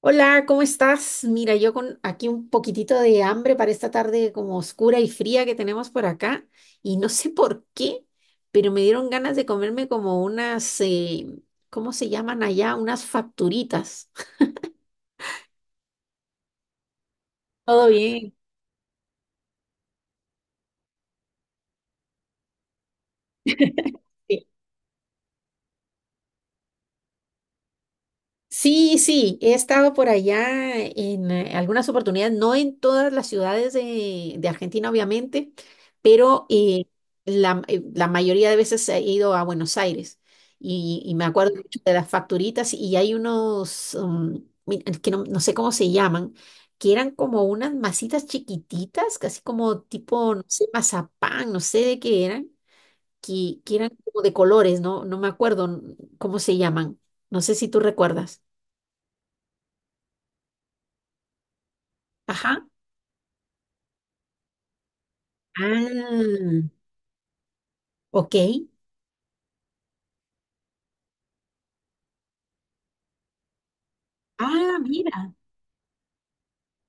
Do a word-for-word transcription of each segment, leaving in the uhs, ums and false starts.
Hola, ¿cómo estás? Mira, yo con aquí un poquitito de hambre para esta tarde como oscura y fría que tenemos por acá y no sé por qué, pero me dieron ganas de comerme como unas, eh, ¿cómo se llaman allá? Unas facturitas. Todo bien. Sí. Sí, sí, he estado por allá en eh, algunas oportunidades, no en todas las ciudades de, de Argentina, obviamente, pero eh, la, eh, la mayoría de veces he ido a Buenos Aires y, y me acuerdo mucho de las facturitas y hay unos, um, mi- es que no, no sé cómo se llaman, que eran como unas masitas chiquititas, casi como tipo, no sé, mazapán, no sé de qué eran, que, que eran como de colores, no, no me acuerdo n- cómo se llaman, no sé si tú recuerdas. Ajá. Ah, ok. Ah, mira.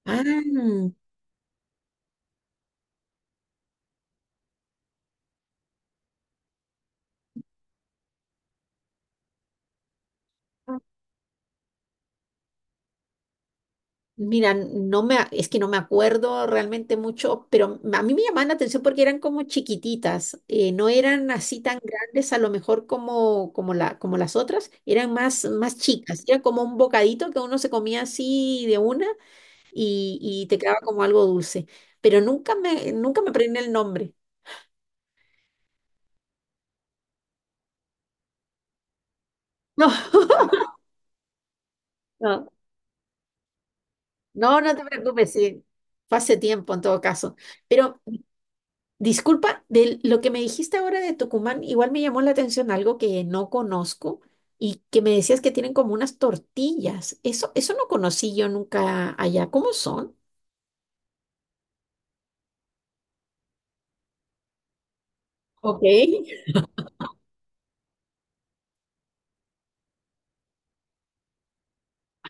Ah, mira, no me, a- es que no me acuerdo realmente mucho, pero a mí me llamaban la atención porque eran como chiquititas, eh, no eran así tan grandes a lo mejor como, como, la, como las otras, eran más, más chicas, era como un bocadito que uno se comía así de una y, y te quedaba como algo dulce, pero nunca me, nunca me aprendí el nombre. No, no. No, no te preocupes, sí. Fue hace tiempo en todo caso. Pero disculpa, de lo que me dijiste ahora de Tucumán, igual me llamó la atención algo que no conozco y que me decías que tienen como unas tortillas. Eso, eso no conocí yo nunca allá. ¿Cómo son? Ok.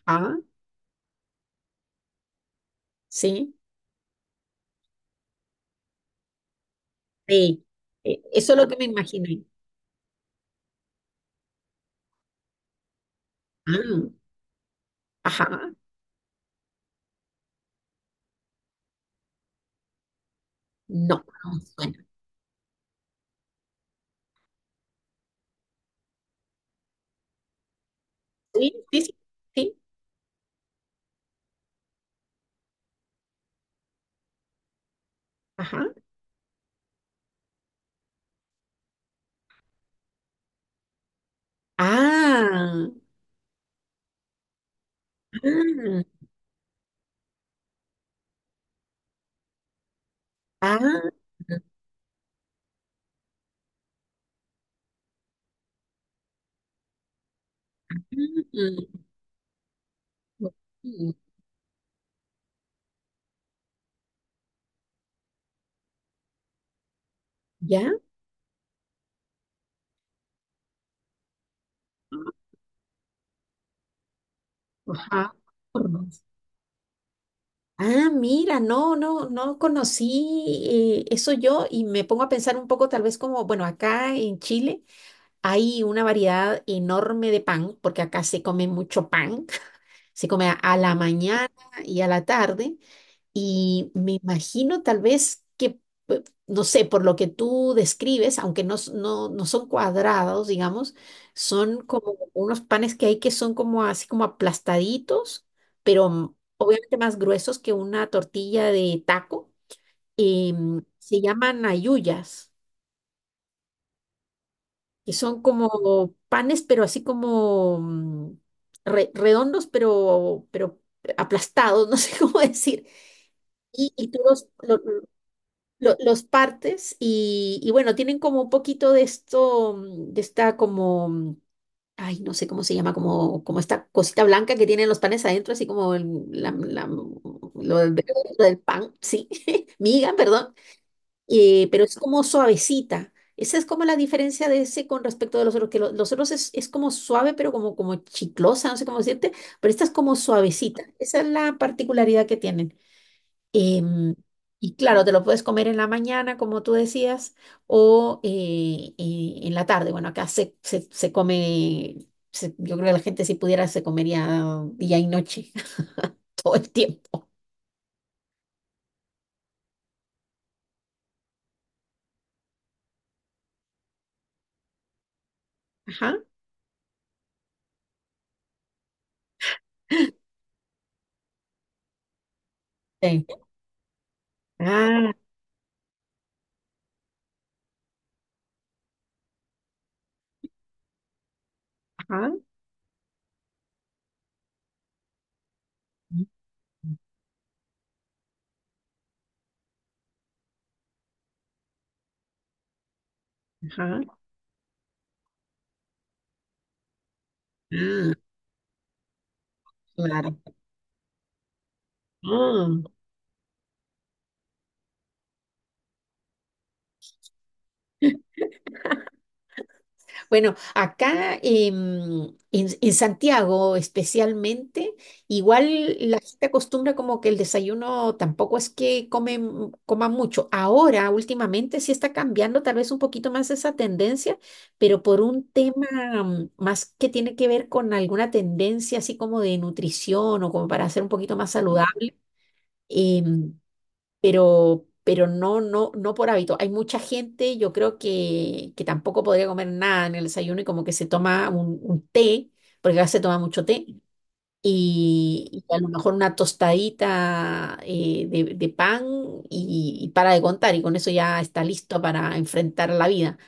Ah, sí. Sí. Eh, eso es lo que me imaginé. Ah, ajá. No, no me suena. Sí, sí, sí. Sí. Ajá. Ah, ah, ah. Mm, ok. ¿Ya? Ajá. Hormonas. Ah, mira, no, no, no conocí eh, eso yo y me pongo a pensar un poco tal vez como, bueno, acá en Chile hay una variedad enorme de pan, porque acá se come mucho pan. Se come a, a la mañana y a la tarde. Y me imagino tal vez que, pe- no sé, por lo que tú describes, aunque no, s- no, no son cuadrados, digamos, son como unos panes que hay que son como así como aplastaditos, pero mm, obviamente más gruesos que una tortilla de taco. Em, se llaman ayuyas, que son como panes, pero así como mm, re- redondos, pero, pero aplastados, no sé cómo decir. Y, y tú los, lo- lo- Los partes y, y bueno, tienen como un poquito de esto, mm, de esta como, mm, ay, no sé cómo se llama, como, como esta cosita blanca que tienen los panes adentro, así como el- la- la- lo del, lo del pan, sí, miga, perdón. Eh, pero es como suavecita. Esa es como la diferencia de ese con respecto de los otros, que lo- los otros es, es como suave, pero como, como chiclosa, no sé cómo decirte, pero esta es como suavecita. Esa es la particularidad que tienen. Em, y claro, te lo puedes comer en la mañana, como tú decías, o eh, eh, en la tarde. Bueno, acá se, se, se come, se- yo creo que la gente si pudiera se comería día y noche, todo el tiempo. Ajá. Sí. Ah, ajá. Ajá. Ah. Claro. Mm. Bueno, acá em, en, en Santiago especialmente, igual la gente acostumbra como que el desayuno tampoco es que comen, coman mucho. Ahora, últimamente, sí está cambiando tal vez un poquito más esa tendencia, pero por un tema mm, más que tiene que ver con alguna tendencia así como de nutrición o como para ser un poquito más saludable. em, pero, pero no, no, no por hábito. Hay mucha gente, yo creo que, que tampoco podría comer nada en el desayuno y como que se toma un, un té, porque acá se toma mucho té, y, y a lo mejor una tostadita eh, de, de pan y, y para de contar, y con eso ya está listo para enfrentar la vida.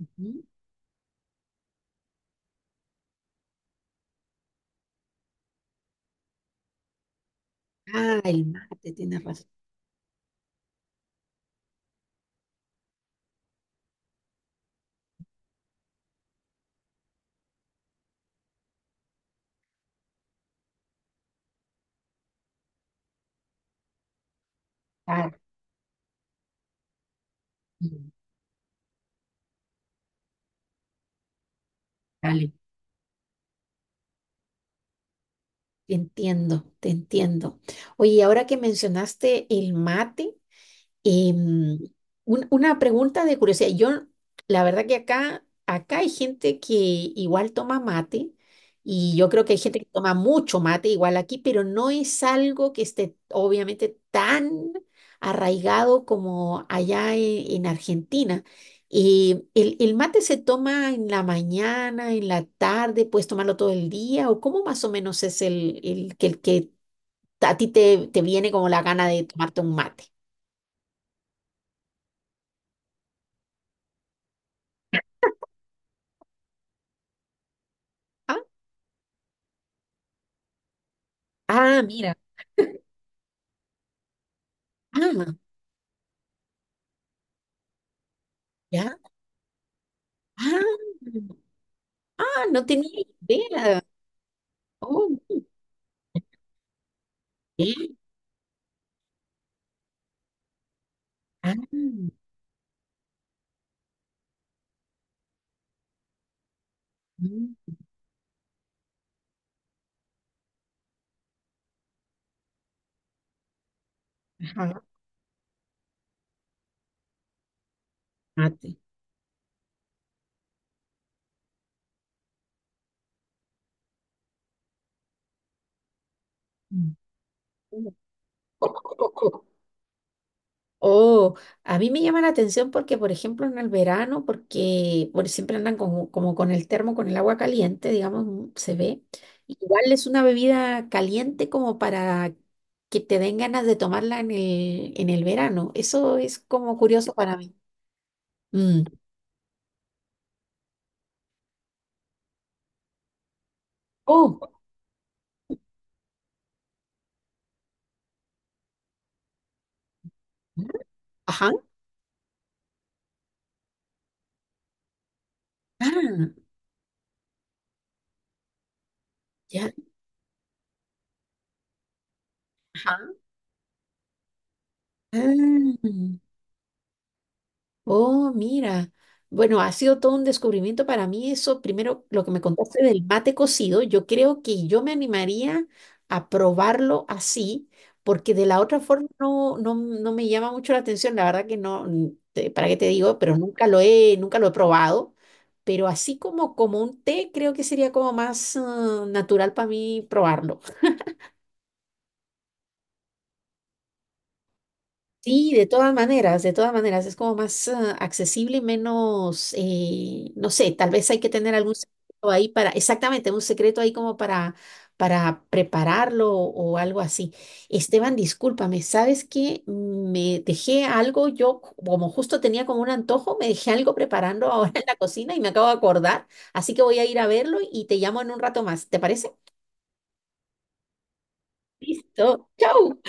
Ujú. Ah, el mate, tienes razón. Ah, mm, dale, te entiendo, te entiendo. Oye, ahora que mencionaste el mate, y, mm, un- una pregunta de curiosidad. Yo, la verdad que acá, acá hay gente que igual toma mate y yo creo que hay gente que toma mucho mate igual aquí, pero no es algo que esté obviamente tan arraigado como allá e- en Argentina. Y el, el mate se toma en la mañana, en la tarde, puedes tomarlo todo el día o cómo más o menos es el, el, que, el que a ti te, te viene como la gana de tomarte un mate. Ah, mira. Ah, ya. Ah, ah, no tenía idea. Oh, muy bien. Ah, mm, ajá, mate. Mm. Oh, a mí me llama la atención porque, por ejemplo, en el verano, porque por, siempre andan como, como con el termo, con el agua caliente, digamos, mm, se ve. Igual es una bebida caliente como para que te den ganas de tomarla en el, en el verano. Eso es como curioso para mí. Mm. Oh, ajá. Ah, ya. Ajá. Ah, oh, mira. Bueno, ha sido todo un descubrimiento para mí eso. Primero, lo que me contaste del mate cocido, yo creo que yo me animaría a probarlo así, porque de la otra forma no, no, no me llama mucho la atención. La verdad que no, mm, te- ¿para qué te digo? Pero nunca lo he, nunca lo he probado. Pero así como, como un té, creo que sería como más, ah, natural para mí probarlo. Sí, de todas maneras, de todas maneras, es como más ah, accesible y menos, eh, no sé, tal vez hay que tener algún secreto ahí para, exactamente, un secreto ahí como para, para prepararlo o algo así. Esteban, discúlpame, ¿sabes que me dejé algo? Yo como justo tenía como un antojo, me dejé algo preparando ahora en la cocina y me acabo de acordar, así que voy a ir a verlo y te llamo en un rato más, ¿te parece? Listo, chau.